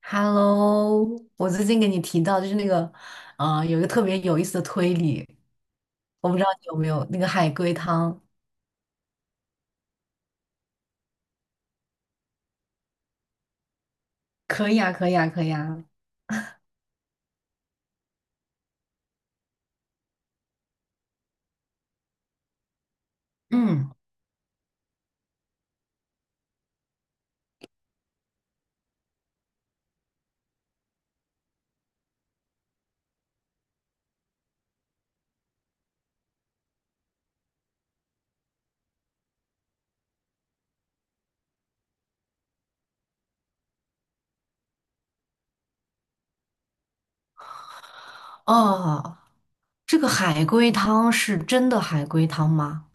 Hello，我最近给你提到就是那个，有一个特别有意思的推理，我不知道你有没有那个海龟汤。可以啊，可以啊，可以啊。嗯，哦，这个海龟汤是真的海龟汤吗？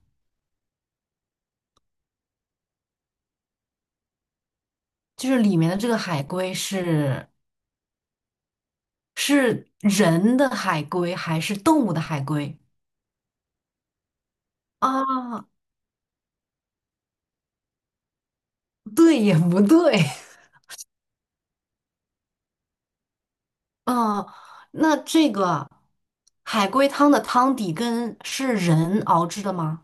就是里面的这个海龟是人的海龟还是动物的海龟？啊，对也不对。啊？那这个海龟汤的汤底跟是人熬制的吗？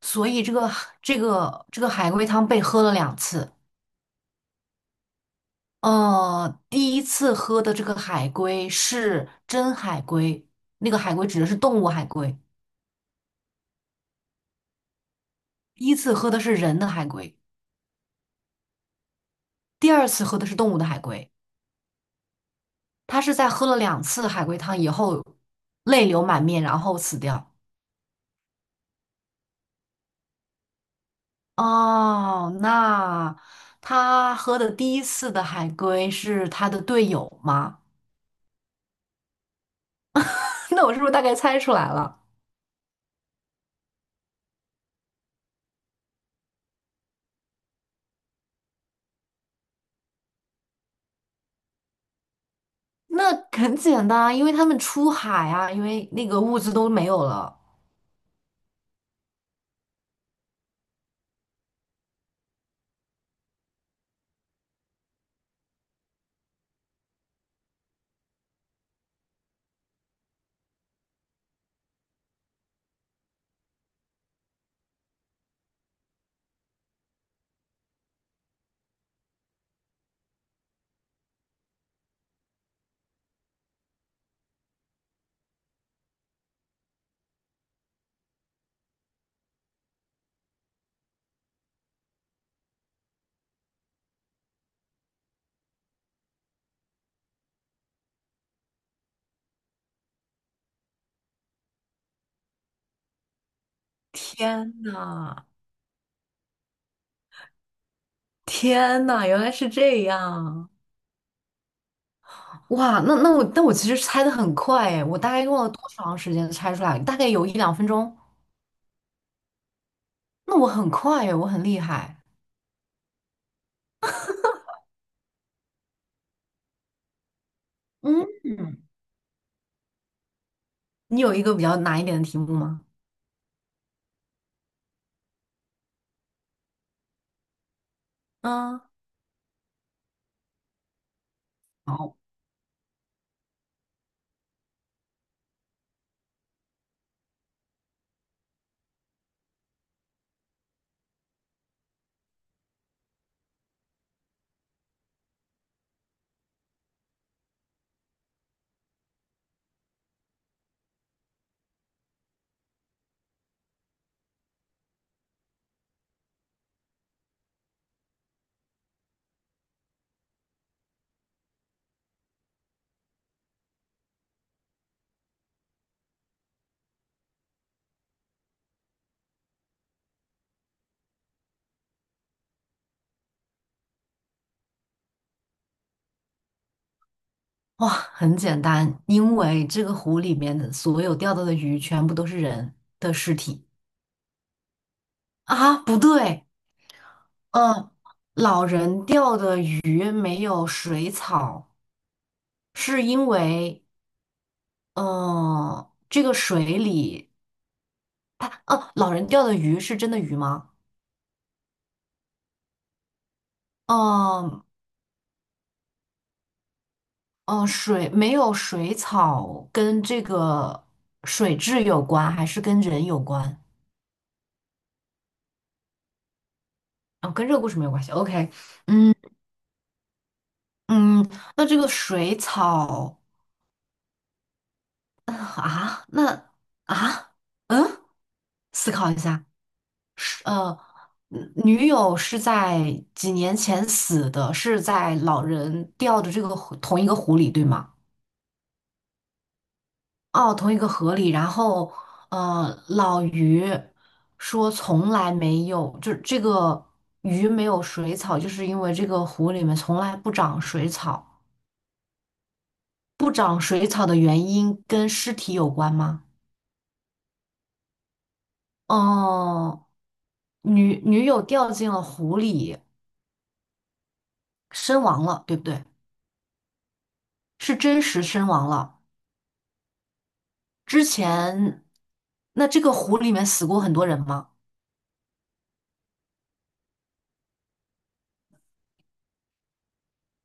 所以这个海龟汤被喝了两次。第一次喝的这个海龟是真海龟，那个海龟指的是动物海龟。第一次喝的是人的海龟，第二次喝的是动物的海龟。他是在喝了两次海龟汤以后，泪流满面，然后死掉。哦，那他喝的第一次的海龟是他的队友吗？那我是不是大概猜出来了？那很简单啊，因为他们出海啊，因为那个物资都没有了。天呐，天呐，原来是这样！哇，那那我其实猜的很快哎，我大概用了多长时间猜出来？大概有一两分钟。那我很快哎，我很厉害。嗯，你有一个比较难一点的题目吗？嗯，好，哇，很简单，因为这个湖里面的所有钓到的鱼全部都是人的尸体啊！不对，嗯，老人钓的鱼没有水草，是因为，嗯，这个水里，它，哦，老人钓的鱼是真的鱼吗？嗯嗯，水没有水草跟这个水质有关，还是跟人有关？哦，跟这个故事没有关系。OK,嗯嗯，那这个水草呃啊，那啊，嗯，思考一下。是女友是在几年前死的，是在老人掉的这个湖同一个湖里，对吗？哦，同一个河里。然后，老于说从来没有，就是这个鱼没有水草，就是因为这个湖里面从来不长水草。不长水草的原因跟尸体有关吗？哦，女友掉进了湖里，身亡了，对不对？是真实身亡了。之前，那这个湖里面死过很多人吗？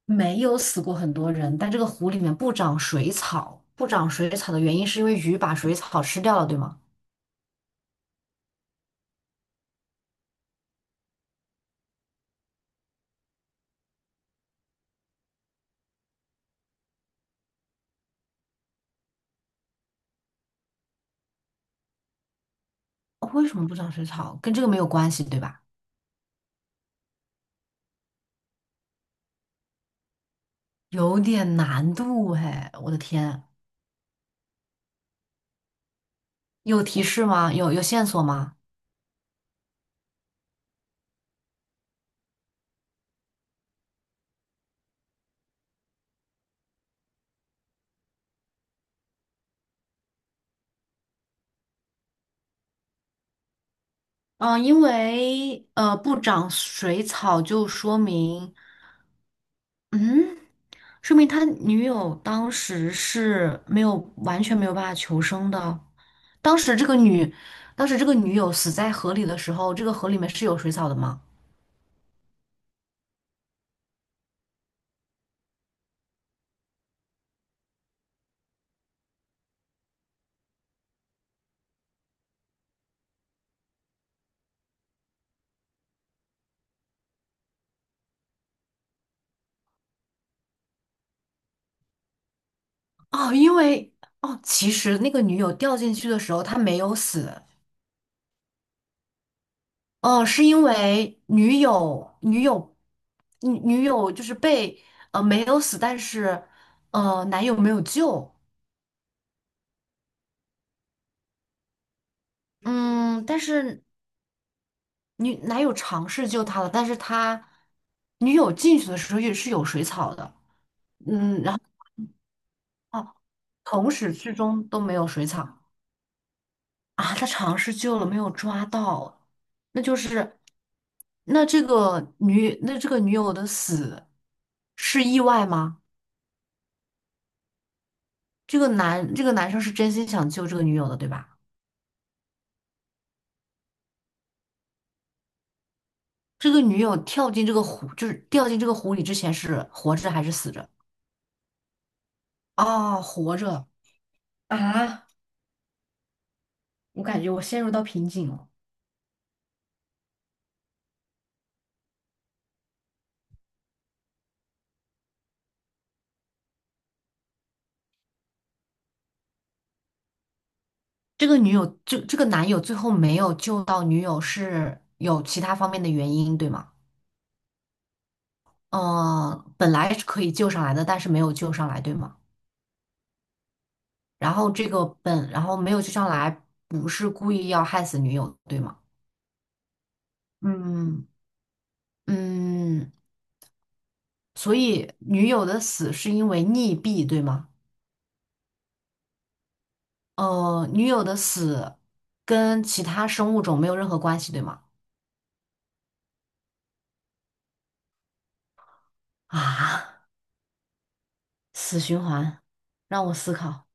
没有死过很多人，但这个湖里面不长水草，不长水草的原因是因为鱼把水草吃掉了，对吗？哦为什么不长水草？跟这个没有关系，对吧？有点难度哎，我的天，有提示吗？有线索吗？嗯，因为不长水草就说明，嗯，说明他的女友当时是没有完全没有办法求生的。当时这个女，当时这个女友死在河里的时候，这个河里面是有水草的吗？哦，因为哦，其实那个女友掉进去的时候她没有死，哦，是因为女友就是被没有死，但是男友没有救。嗯，但是男友尝试救她了，但是他女友进去的时候也是有水草的，嗯，然后哦，从始至终都没有水草啊，他尝试救了，没有抓到，那就是那这个女那这个女友的死是意外吗？这个男生是真心想救这个女友的，对吧？这个女友跳进这个湖，就是掉进这个湖里之前是活着还是死着？哦，活着啊！我感觉我陷入到瓶颈了。这个女友，这这个男友最后没有救到女友，是有其他方面的原因，对吗？嗯，本来是可以救上来的，但是没有救上来，对吗？然后这个本，然后没有救上来，不是故意要害死女友，对吗？嗯嗯，所以女友的死是因为溺毙，对吗？女友的死跟其他生物种没有任何关系，对吗？啊，死循环，让我思考。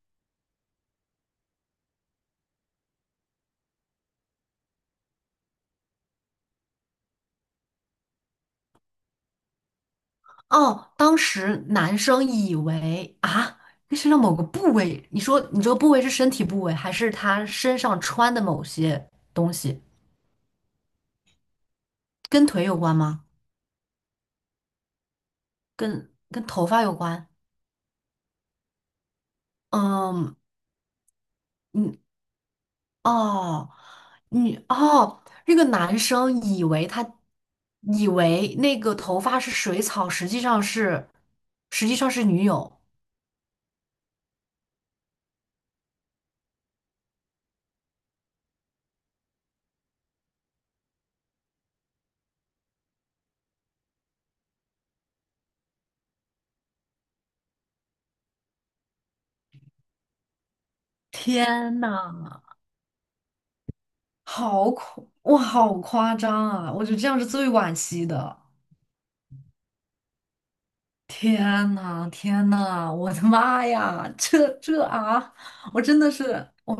哦，当时男生以为啊，那身上某个部位，你说你这个部位是身体部位，还是他身上穿的某些东西？跟腿有关吗？跟头发有关？嗯，你哦，你哦，那个男生以为那个头发是水草，实际上是女友。天呐，好恐，哇，好夸张啊！我觉得这样是最惋惜的。天呐，天呐，我的妈呀，这啊，我真的是，我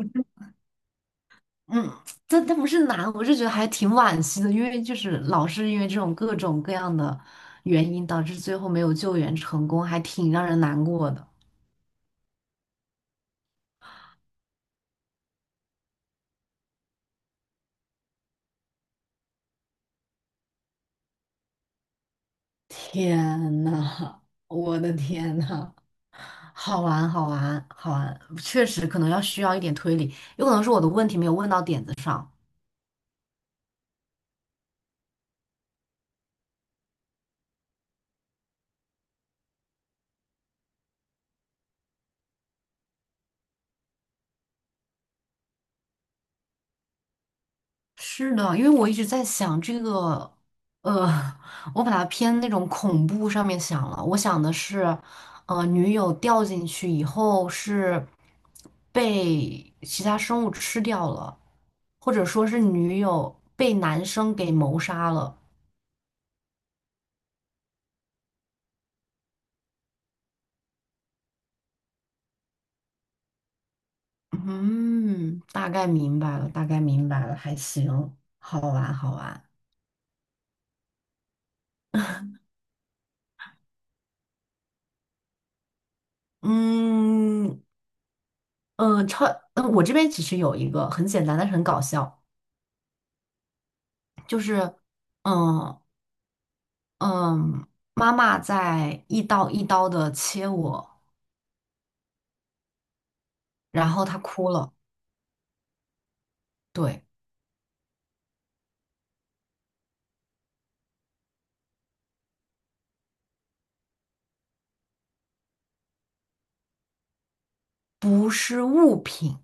嗯，这不是难，我是觉得还挺惋惜的，因为就是老是因为这种各种各样的原因，导致最后没有救援成功，还挺让人难过的。天呐，我的天呐，好玩，好玩，好玩，确实可能要需要一点推理，有可能是我的问题没有问到点子上。是的，因为我一直在想这个，呃，我把它偏那种恐怖上面想了。我想的是，女友掉进去以后是被其他生物吃掉了，或者说是女友被男生给谋杀了。嗯，大概明白了，大概明白了，还行，好玩，好玩。嗯，呃，超，我这边其实有一个很简单，但是很搞笑，就是。嗯，嗯，妈妈在一刀一刀的切我，然后她哭了。对，不是物品，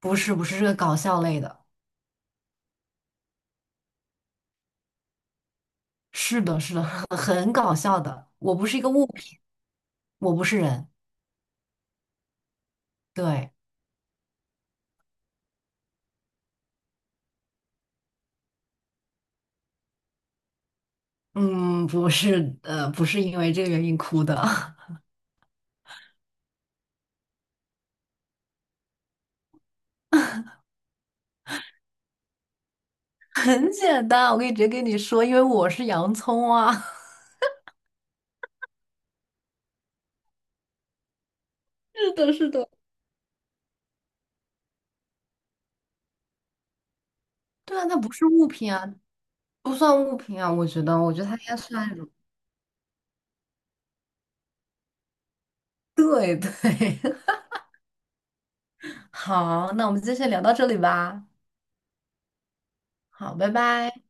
不是不是这个搞笑类的，是的，是的，很搞笑的。我不是一个物品，我不是人。对，嗯，不是，不是因为这个原因哭的，很简单，我可以直接跟你说，因为我是洋葱啊。是的，是的。对啊，它不是物品啊，不算物品啊，我觉得它应该算那种。对对。好，那我们今天先聊到这里吧。好，拜拜。